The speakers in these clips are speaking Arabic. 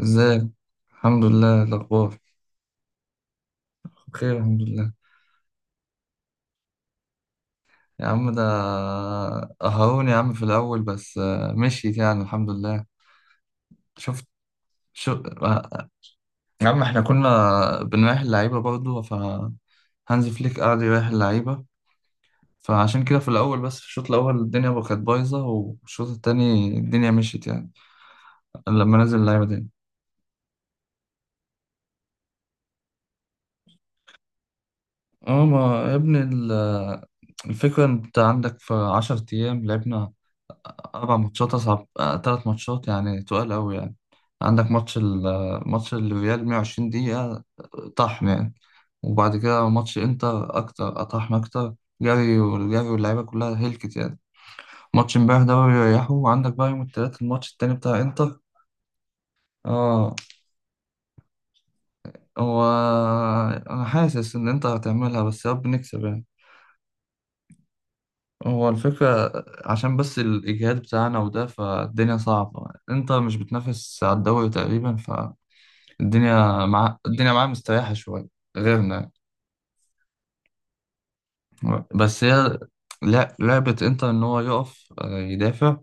ازيك. الحمد لله، إيه الاخبار؟ بخير الحمد لله. يا عم ده، قهرون يا عم في الاول بس مشيت يعني الحمد لله. شفت. شو. آه، يا عم احنا كنا بنريح اللعيبه برضه فهانز فليك قعد يريح اللعيبه. فعشان كده في الاول بس، في الشوط الاول الدنيا بقى كانت بايظه، والشوط التاني الدنيا مشيت يعني. لما نزل اللعيبه تاني. اه، ما يا ابني الفكره، انت عندك في 10 ايام لعبنا أربع ماتشات، أصعب تلات ماتشات يعني تقال أوي يعني. عندك ماتش ال آه، ماتش الريال 120 دقيقة، طحن يعني. وبعد كده ماتش إنتر أكتر، أطحن أكتر. جري والجري، واللعيبة كلها هلكت يعني. ماتش امبارح ده بقى بيريحوا، وعندك بقى يوم التلات الماتش التاني بتاع إنتر. اه، هو أنا حاسس إن إنتر هتعملها، بس يا رب نكسب يعني. هو الفكرة عشان بس الإجهاد بتاعنا وده، فالدنيا صعبة. إنتر مش بتنافس على الدوري تقريبا. الدنيا مع الدنيا معاه مستريحة شوية. غيرنا. بس هي لا، لعبة انتر ان هو يقف يدافع،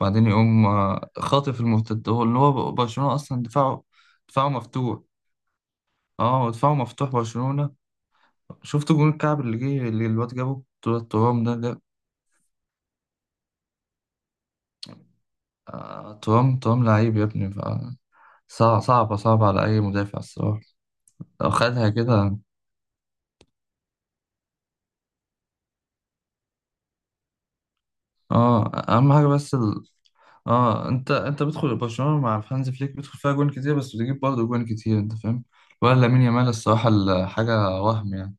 بعدين يقوم خاطف المرتد، هو اللي هو برشلونة اصلا دفاعه. دفاعه مفتوح. اه، دفاعه مفتوح برشلونة. شفت جون الكعب اللي جه، اللي الواد جابه بتوع الترام ده. ترام ترام لعيب يا ابني. صعب، صعبة صعبة على أي مدافع الصراحة. لو خدها كده. اه، أهم حاجة بس. اه، انت بتدخل برشلونه مع هانز فليك بتدخل فيها جوان كتير، بس بتجيب برضه جوان كتير، انت فاهم. ولا لامين يامال الصراحه حاجه وهم يعني.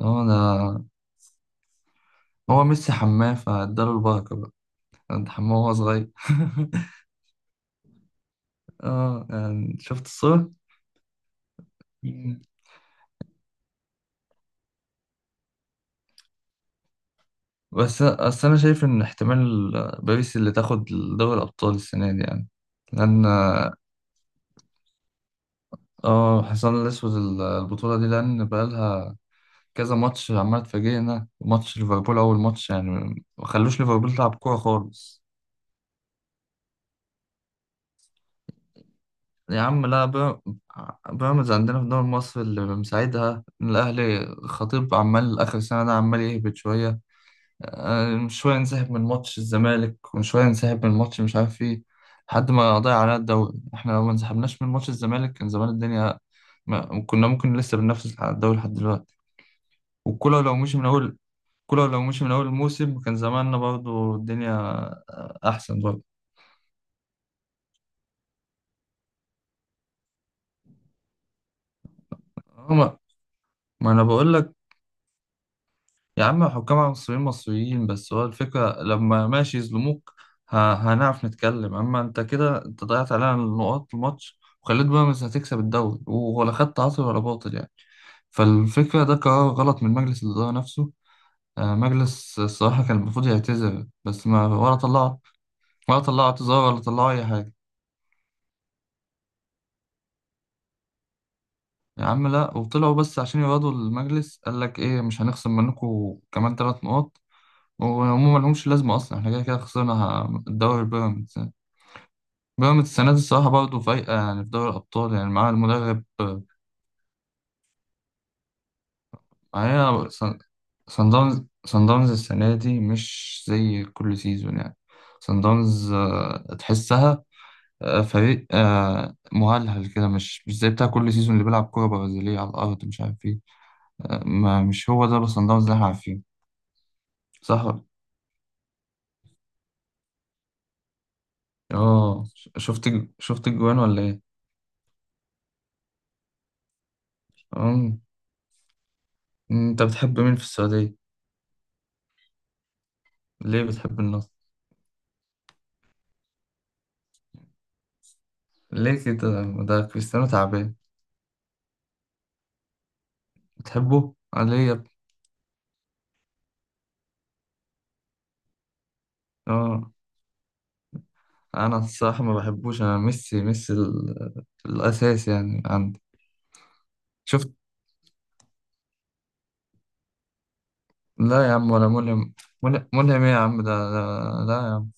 هو ده. هو ميسي حماه فاداله البركه بقى. انت حماه وهو صغير اه، يعني شفت الصوره. مم. بس انا شايف ان احتمال باريس اللي تاخد دوري الابطال السنه دي يعني، لان اه، حصان الاسود البطوله دي، لان بقالها كذا ماتش عمال تفاجئنا. وماتش ليفربول أول ماتش يعني ما خلوش ليفربول تلعب كورة خالص. يا عم لا، بيراميدز عندنا في الدوري المصري اللي مساعدها إن الأهلي خطيب عمال آخر سنة ده عمال يهبط شوية. شوية نسحب من ماتش الزمالك، وشوية نسحب من ماتش مش عارف إيه، لحد ما ضيع علينا الدوري. إحنا لو ما انسحبناش من ماتش الزمالك كان زمان الدنيا، ما كنا ممكن لسه بننافس على الدوري لحد دلوقتي. والكولر لو مشي من أول كولر لو مشي من أول الموسم كان زماننا برضو الدنيا أحسن برضو. هما. ما أنا بقول لك، يا عم حكام مصريين مصريين، بس هو الفكرة لما ماشي يظلموك هنعرف نتكلم. أما أنت كده أنت ضيعت علينا النقاط الماتش، وخليت بيراميدز هتكسب الدوري ولا خدت عاطل ولا باطل يعني. فالفكرة ده قرار غلط من مجلس الإدارة نفسه. مجلس الصراحة كان المفروض يعتذر، بس ما ولا طلعوا، ولا طلعوا اعتذار ولا طلعوا أي حاجة. يا عم لا، وطلعوا بس عشان يقعدوا المجلس قال لك ايه؟ مش هنخصم منكم كمان ثلاث نقط، وهم ما لهمش لازمه اصلا، احنا كده كده خسرنا الدوري بيراميدز يعني. بيراميدز السنه دي الصراحه برضه فايقه يعني في دوري الابطال يعني، معاها المدرب. معايا صن داونز. صن داونز السنه دي مش زي كل سيزون يعني. صن داونز تحسها. فريق مهلهل كده، مش زي بتاع كل سيزون اللي بيلعب كوره برازيليه على الارض مش عارف ايه. مش هو ده بس صن داونز اللي احنا عارفينه. صح. اه، شفت شفت الجوان ولا ايه؟ اه، انت بتحب مين في السعودية؟ ليه بتحب النصر؟ ليه كده؟ ده كريستيانو تعبان. بتحبه ليه يا ابني؟ اه، انا الصراحة ما بحبوش. انا ميسي، ميسي الاساس يعني عندي. شفت. لا يا عم، ولا ملهم. ملهم ايه يا عم؟ ده لا يا عم.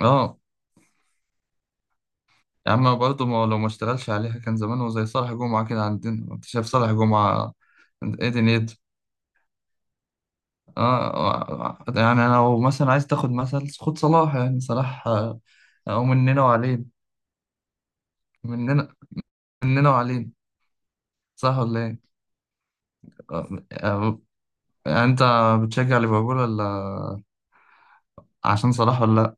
اه، يا عم برضه، ما لو ما اشتغلش عليها كان زمانه زي صالح جمعة كده عندنا. انت شايف صالح جمعة؟ ايه دنيته؟ اه، يعني لو مثلا عايز تاخد مثل، خد صلاح يعني، صلاح هو مننا وعلينا. مننا مننا وعلينا. صح ولا ايه؟ آه، آه، يعني انت بتشجع ليفربول ولا عشان صلاح ولا لا؟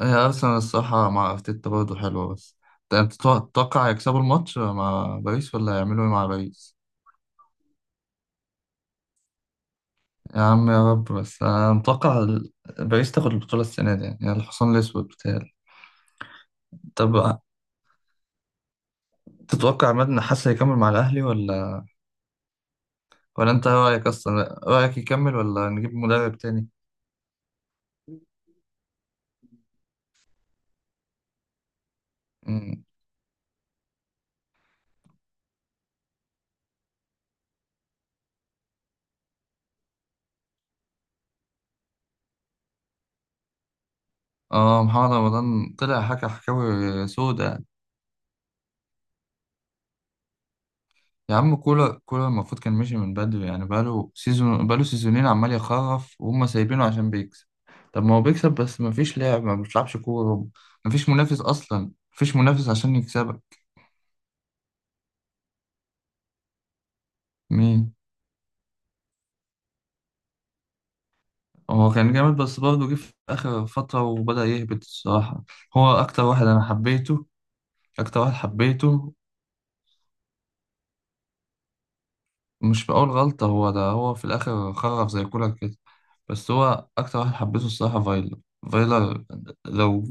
هي ارسنال الصراحة مع ارتيتا برضه حلوة بس. انت تتوقع يكسبوا الماتش مع باريس ولا هيعملوا ايه مع باريس؟ يا عم، يا رب. بس انا متوقع باريس تاخد البطولة السنة دي يعني، الحصان الأسود بتاعي. طب، تتوقع عماد النحاس هيكمل مع الأهلي ولا انت رأيك، اصلا رأيك يكمل ولا نجيب مدرب تاني؟ مم. اه، محمد رمضان طلع حكى حكاوي سودة. يا عم، كولر المفروض كان مشي من بدري يعني، بقاله سيزونين عمال يخرف، وهم سايبينه عشان بيكسب. طب ما هو بيكسب، بس مفيش لعب ما بيلعبش كورة. مفيش منافس، اصلا مفيش منافس عشان يكسبك. مين؟ هو كان جامد بس برضه جه في آخر فترة وبدأ يهبط الصراحة. هو أكتر واحد أنا حبيته. أكتر واحد حبيته. مش في أول غلطة، هو ده هو في الآخر خرف زي كولر كده. بس هو أكتر واحد حبيته الصراحة، فايلر. فايلر. لو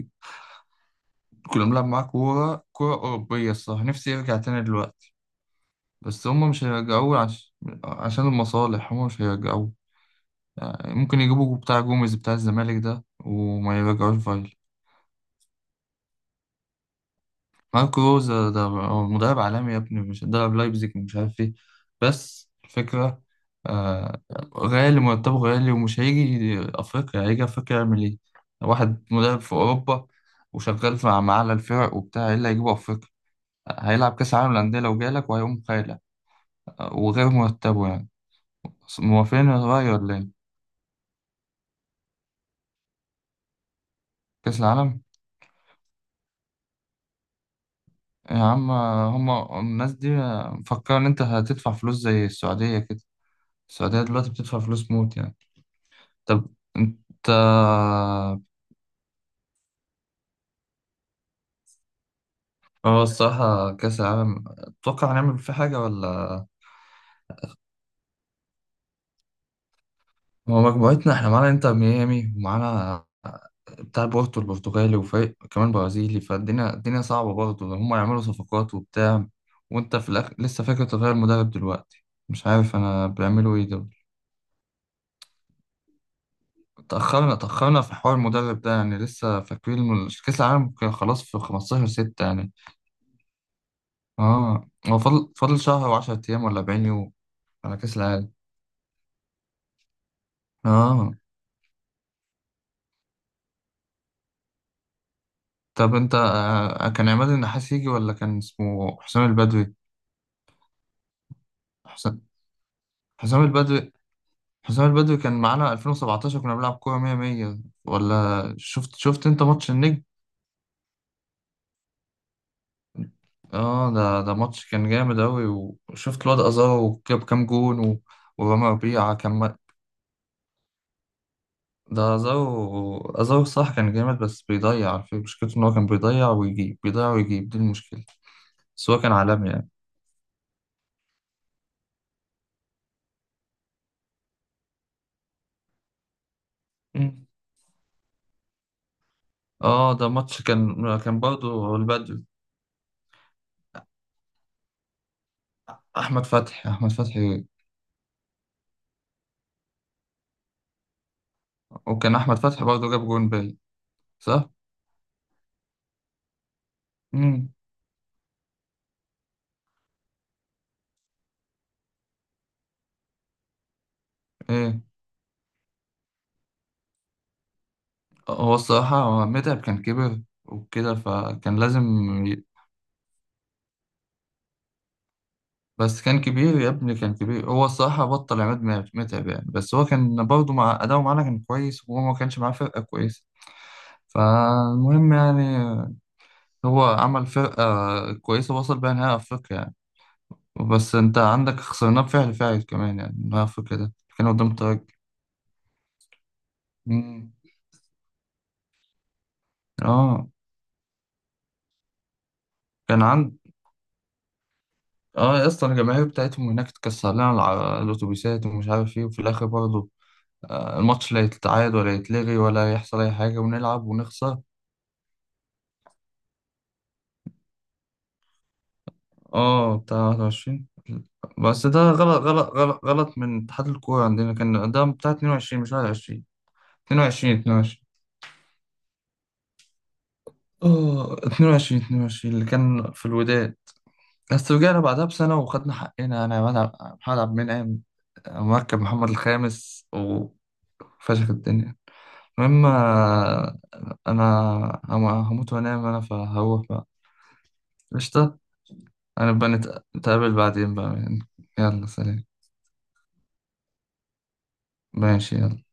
كنا بنلعب معاه كورة، كورة أوروبية الصراحة، نفسي يرجع تاني دلوقتي. بس هما مش هيرجعوه عشان المصالح هما مش هيرجعوه. يعني ممكن يجيبوا بتاع جوميز بتاع الزمالك ده وما يرجعوش فايلر. ماركو روزا ده هو مدرب عالمي يا ابني، مش درب لايبزيج ومش عارف ايه. بس الفكرة. آه. غالي مرتبه، غالي، ومش هيجي أفريقيا. هيجي أفريقيا يعمل ايه؟ واحد مدرب في أوروبا وشغال مع أعلى الفرق وبتاع ايه، اللي هيجيبه أفريقيا؟ هيلعب كأس العالم للأندية لو جالك، وهيقوم خايلة وغير مرتبه يعني. موافقين الرأي ولا ايه؟ كأس العالم؟ يا عم هما الناس دي مفكرة إن أنت هتدفع فلوس زي السعودية كده. السعودية دلوقتي بتدفع فلوس موت يعني. طب انت، هو الصراحة كأس العالم تتوقع هنعمل فيه حاجة ولا؟ هو مجموعتنا احنا معانا انتر ميامي ومعانا بتاع بورتو البرتغالي وفريق كمان برازيلي، فالدنيا صعبة برضه لو هم يعملوا صفقات وبتاع. وانت في لسه فاكر تغير المدرب دلوقتي، مش عارف انا بيعملوا ايه دول. تأخرنا في حوار المدرب ده يعني، لسه فاكرين كأس العالم كان خلاص في 15 6 يعني. اه، هو فاضل شهر و10 ايام ولا 40 يوم على كأس العالم. اه. طب انت كان عماد النحاس يجي ولا كان اسمه حسام البدوي؟ حسام حسام البدوي. حسام البدوي كان معانا 2017 كنا بنلعب كورة 100 100. ولا شفت انت ماتش النجم؟ اه، ده ماتش كان جامد أوي. وشفت الواد أزارو جاب كام جون ورامي ربيعة كان ده أزارو صح، كان جامد بس بيضيع على فكرة، مشكلته إن هو كان بيضيع ويجيب بيضيع ويجيب، دي المشكلة. بس هو كان عالمي يعني. مم. اه، ده ماتش كان برضه البدو. احمد فتحي، احمد فتحي. وكان احمد فتحي برضه جاب جون باي. صح. امم. ايه؟ هو الصراحه، متعب كان كبر وكده فكان لازم. ي... بس كان كبير يا ابني، كان كبير. هو الصراحه بطل عماد متعب يعني، بس هو كان برضه مع اداؤه معانا كان كويس، وهو ما كانش معاه فرقه كويسه. فالمهم يعني، هو عمل فرقه كويسه وصل بيها نهائي افريقيا يعني. بس انت عندك خسرناه بفعل فاعل كمان يعني، نهائي افريقيا ده كان قدام ترجي. امم. اه، كان عند. اه، يا اسطى الجماهير بتاعتهم هناك اتكسر لنا الاتوبيسات ومش عارف ايه، وفي الاخر برضه الماتش لا يتعاد ولا يتلغي ولا يحصل اي حاجه، ونلعب ونخسر. اه، بتاع 21. بس ده غلط غلط غلط غلط من اتحاد الكوره عندنا، كان ده بتاع 22 مش 21. 22 22. اه، 22 22 اللي كان في الوداد. بس رجعنا بعدها بسنة وخدنا حقنا. أنا يا عماد محمد عبد المنعم مركب محمد الخامس وفشخ الدنيا. المهم انا هموت وانام انا، فهروح بقى. قشطة. انا بقى نتقابل بعدين بقى. يلا سلام. ماشي يلا.